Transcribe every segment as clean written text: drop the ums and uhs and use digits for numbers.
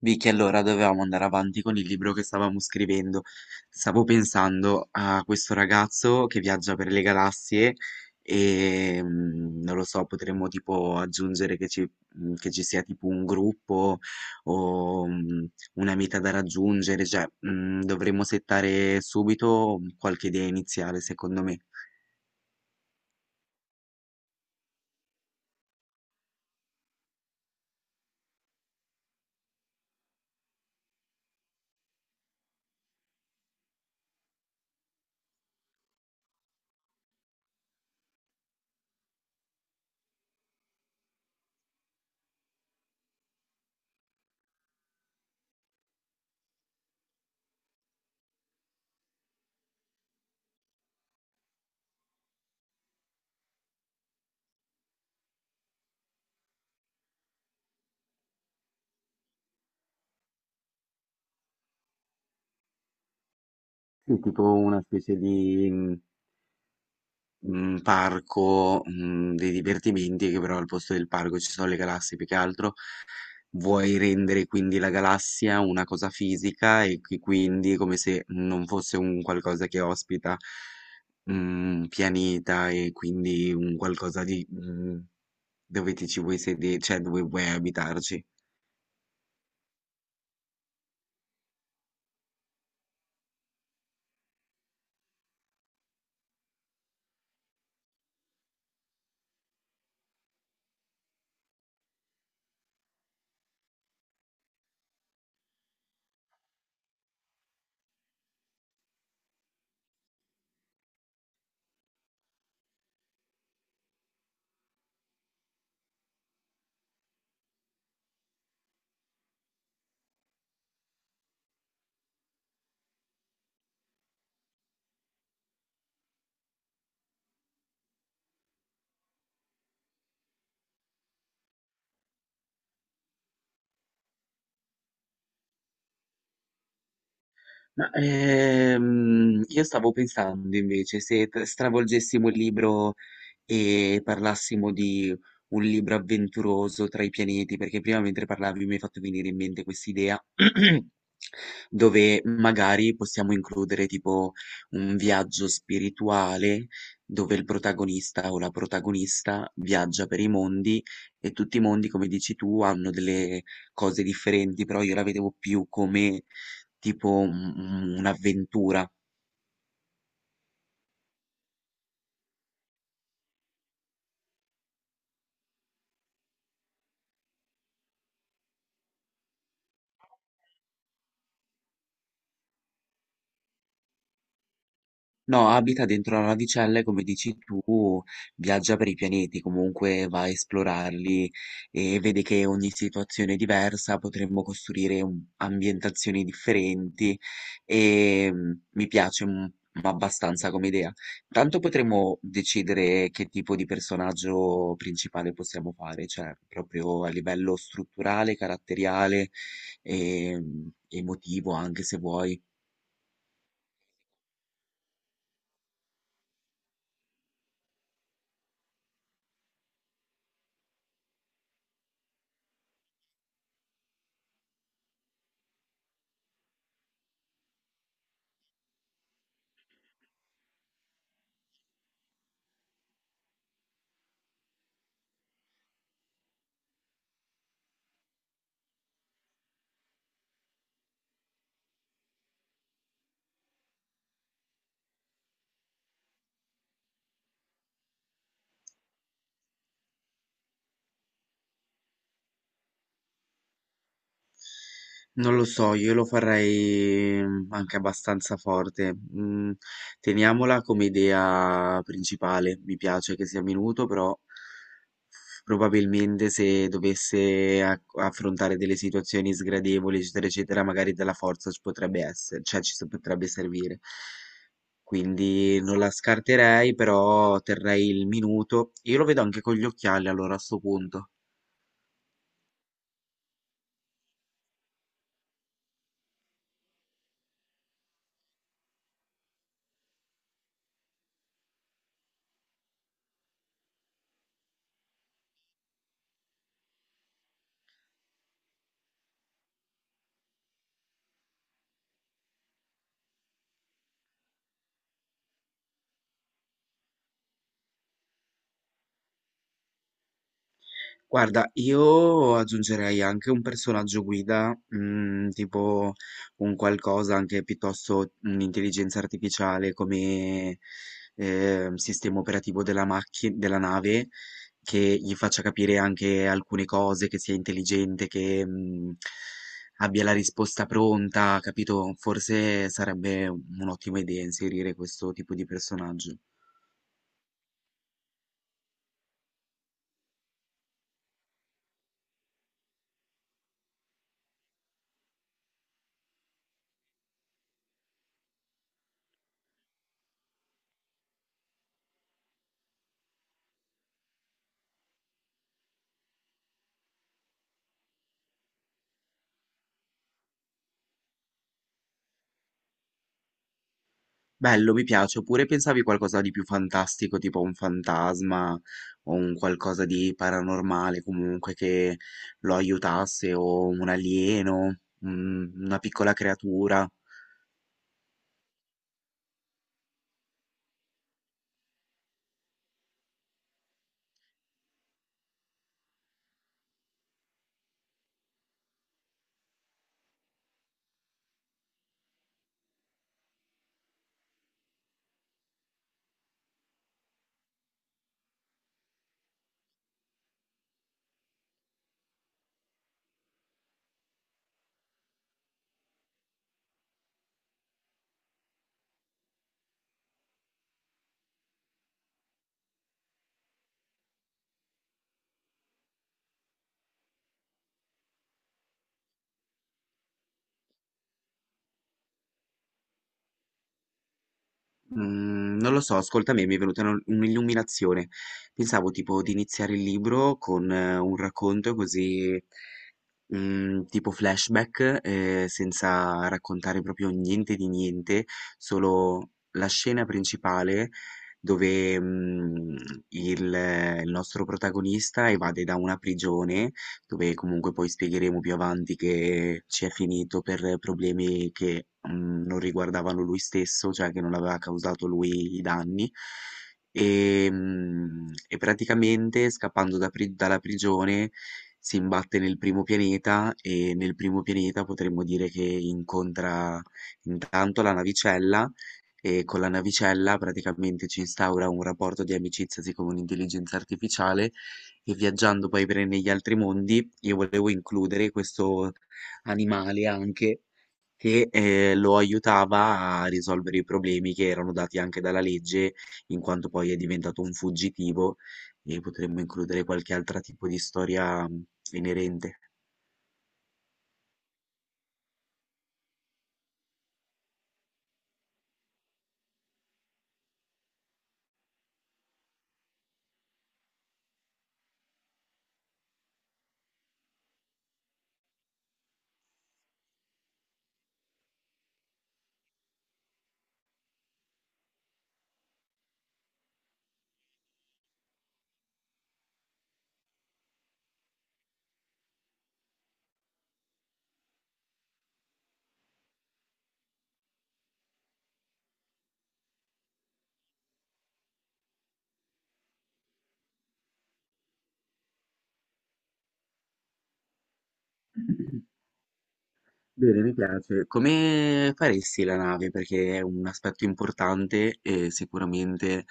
Vicky, allora dovevamo andare avanti con il libro che stavamo scrivendo. Stavo pensando a questo ragazzo che viaggia per le galassie e non lo so, potremmo tipo aggiungere che ci sia tipo un gruppo o una meta da raggiungere, cioè dovremmo settare subito qualche idea iniziale, secondo me. Sì, tipo una specie di un parco, dei divertimenti che però al posto del parco ci sono le galassie più che altro. Vuoi rendere quindi la galassia una cosa fisica e quindi come se non fosse un qualcosa che ospita un pianeta e quindi un qualcosa di dove ti ci vuoi sedere, cioè dove vuoi abitarci. Ma io stavo pensando invece se stravolgessimo il libro e parlassimo di un libro avventuroso tra i pianeti, perché prima mentre parlavi mi hai fatto venire in mente quest'idea dove magari possiamo includere tipo un viaggio spirituale dove il protagonista o la protagonista viaggia per i mondi e tutti i mondi, come dici tu, hanno delle cose differenti, però io la vedevo più come tipo un'avventura. No, abita dentro la navicella e, come dici tu, viaggia per i pianeti, comunque va a esplorarli e vede che ogni situazione è diversa, potremmo costruire ambientazioni differenti e mi piace abbastanza come idea. Tanto potremmo decidere che tipo di personaggio principale possiamo fare, cioè proprio a livello strutturale, caratteriale e emotivo anche, se vuoi. Non lo so, io lo farei anche abbastanza forte. Teniamola come idea principale. Mi piace che sia minuto, però probabilmente se dovesse affrontare delle situazioni sgradevoli, eccetera, eccetera, magari della forza ci potrebbe essere, cioè potrebbe servire. Quindi non la scarterei, però terrei il minuto. Io lo vedo anche con gli occhiali allora, a sto punto. Guarda, io aggiungerei anche un personaggio guida, tipo un qualcosa anche piuttosto un'intelligenza artificiale come sistema operativo della macchina, della nave, che gli faccia capire anche alcune cose, che sia intelligente, che abbia la risposta pronta, capito? Forse sarebbe un'ottima idea inserire questo tipo di personaggio. Bello, mi piace. Oppure pensavi qualcosa di più fantastico, tipo un fantasma o un qualcosa di paranormale comunque che lo aiutasse, o un alieno, una piccola creatura. Non lo so, ascolta me, mi è venuta un'illuminazione. Pensavo tipo di iniziare il libro con un racconto così, tipo flashback, senza raccontare proprio niente di niente, solo la scena principale dove, mhmm, il nostro protagonista evade da una prigione, dove comunque poi spiegheremo più avanti che ci è finito per problemi non riguardavano lui stesso, cioè che non aveva causato lui i danni e, e praticamente scappando dalla prigione si imbatte nel primo pianeta, e nel primo pianeta potremmo dire che incontra intanto la navicella, e con la navicella praticamente ci instaura un rapporto di amicizia siccome un'intelligenza artificiale. E viaggiando poi per negli altri mondi io volevo includere questo animale anche, che lo aiutava a risolvere i problemi che erano dati anche dalla legge, in quanto poi è diventato un fuggitivo, e potremmo includere qualche altro tipo di storia inerente. Bene, mi piace. Come faresti la nave? Perché è un aspetto importante e sicuramente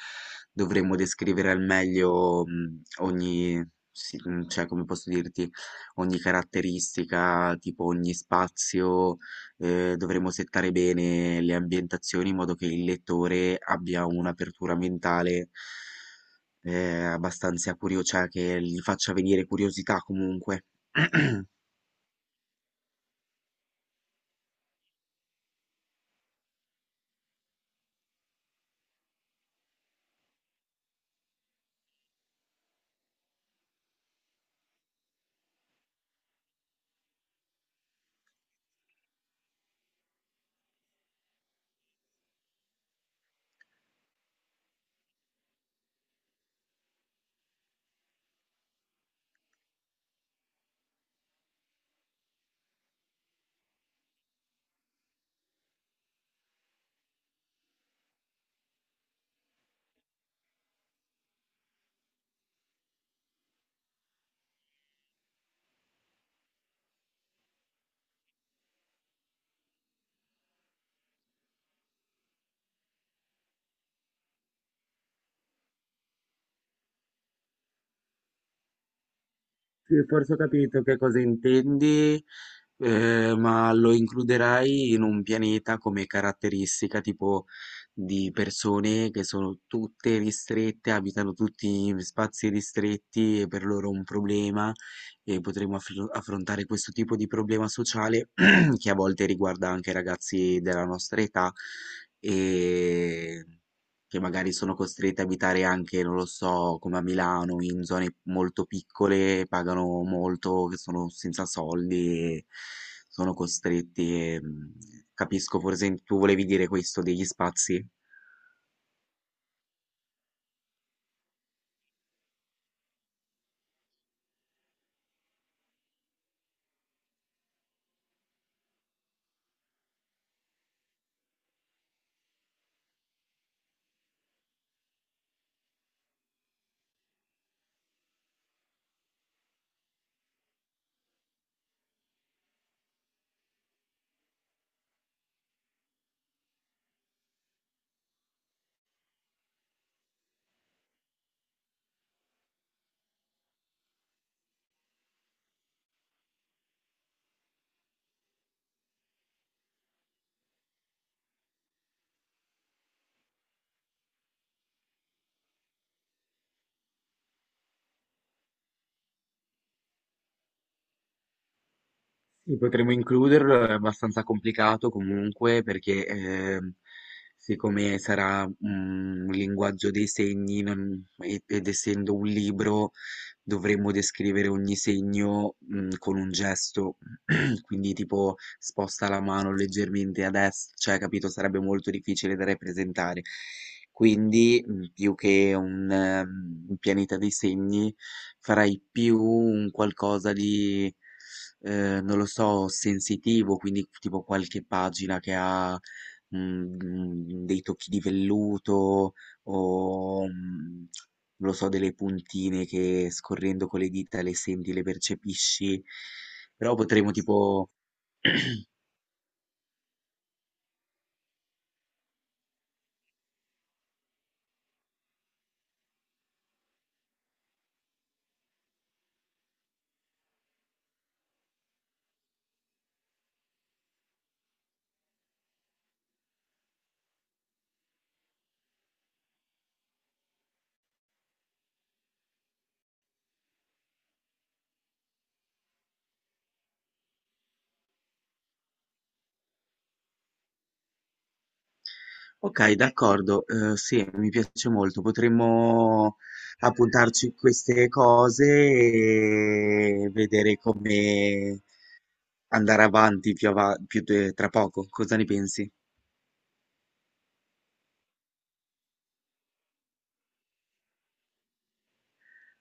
dovremmo descrivere al meglio ogni, sì, cioè come posso dirti, ogni caratteristica, tipo ogni spazio. Dovremmo settare bene le ambientazioni in modo che il lettore abbia un'apertura mentale abbastanza curiosa, cioè che gli faccia venire curiosità comunque. Sì, forse ho capito che cosa intendi. Ma lo includerai in un pianeta come caratteristica tipo di persone che sono tutte ristrette, abitano tutti in spazi ristretti, è per loro un problema, e potremo affrontare questo tipo di problema sociale che a volte riguarda anche i ragazzi della nostra età e che magari sono costrette a abitare anche, non lo so, come a Milano, in zone molto piccole, pagano molto, che sono senza soldi e sono costretti. E, capisco, forse tu volevi dire questo degli spazi? Sì, potremmo includerlo, è abbastanza complicato comunque perché siccome sarà un linguaggio dei segni ed essendo un libro dovremmo descrivere ogni segno, con un gesto, quindi tipo sposta la mano leggermente a dest, cioè capito, sarebbe molto difficile da rappresentare. Quindi, più che un pianeta dei segni, farei più un qualcosa di, non lo so, sensitivo, quindi tipo qualche pagina che ha, dei tocchi di velluto o, mhmm non lo so, delle puntine che scorrendo con le dita le senti, le percepisci, però potremmo tipo... Ok, d'accordo, sì, mi piace molto, potremmo appuntarci queste cose e vedere come andare avanti più, tra poco, cosa ne pensi?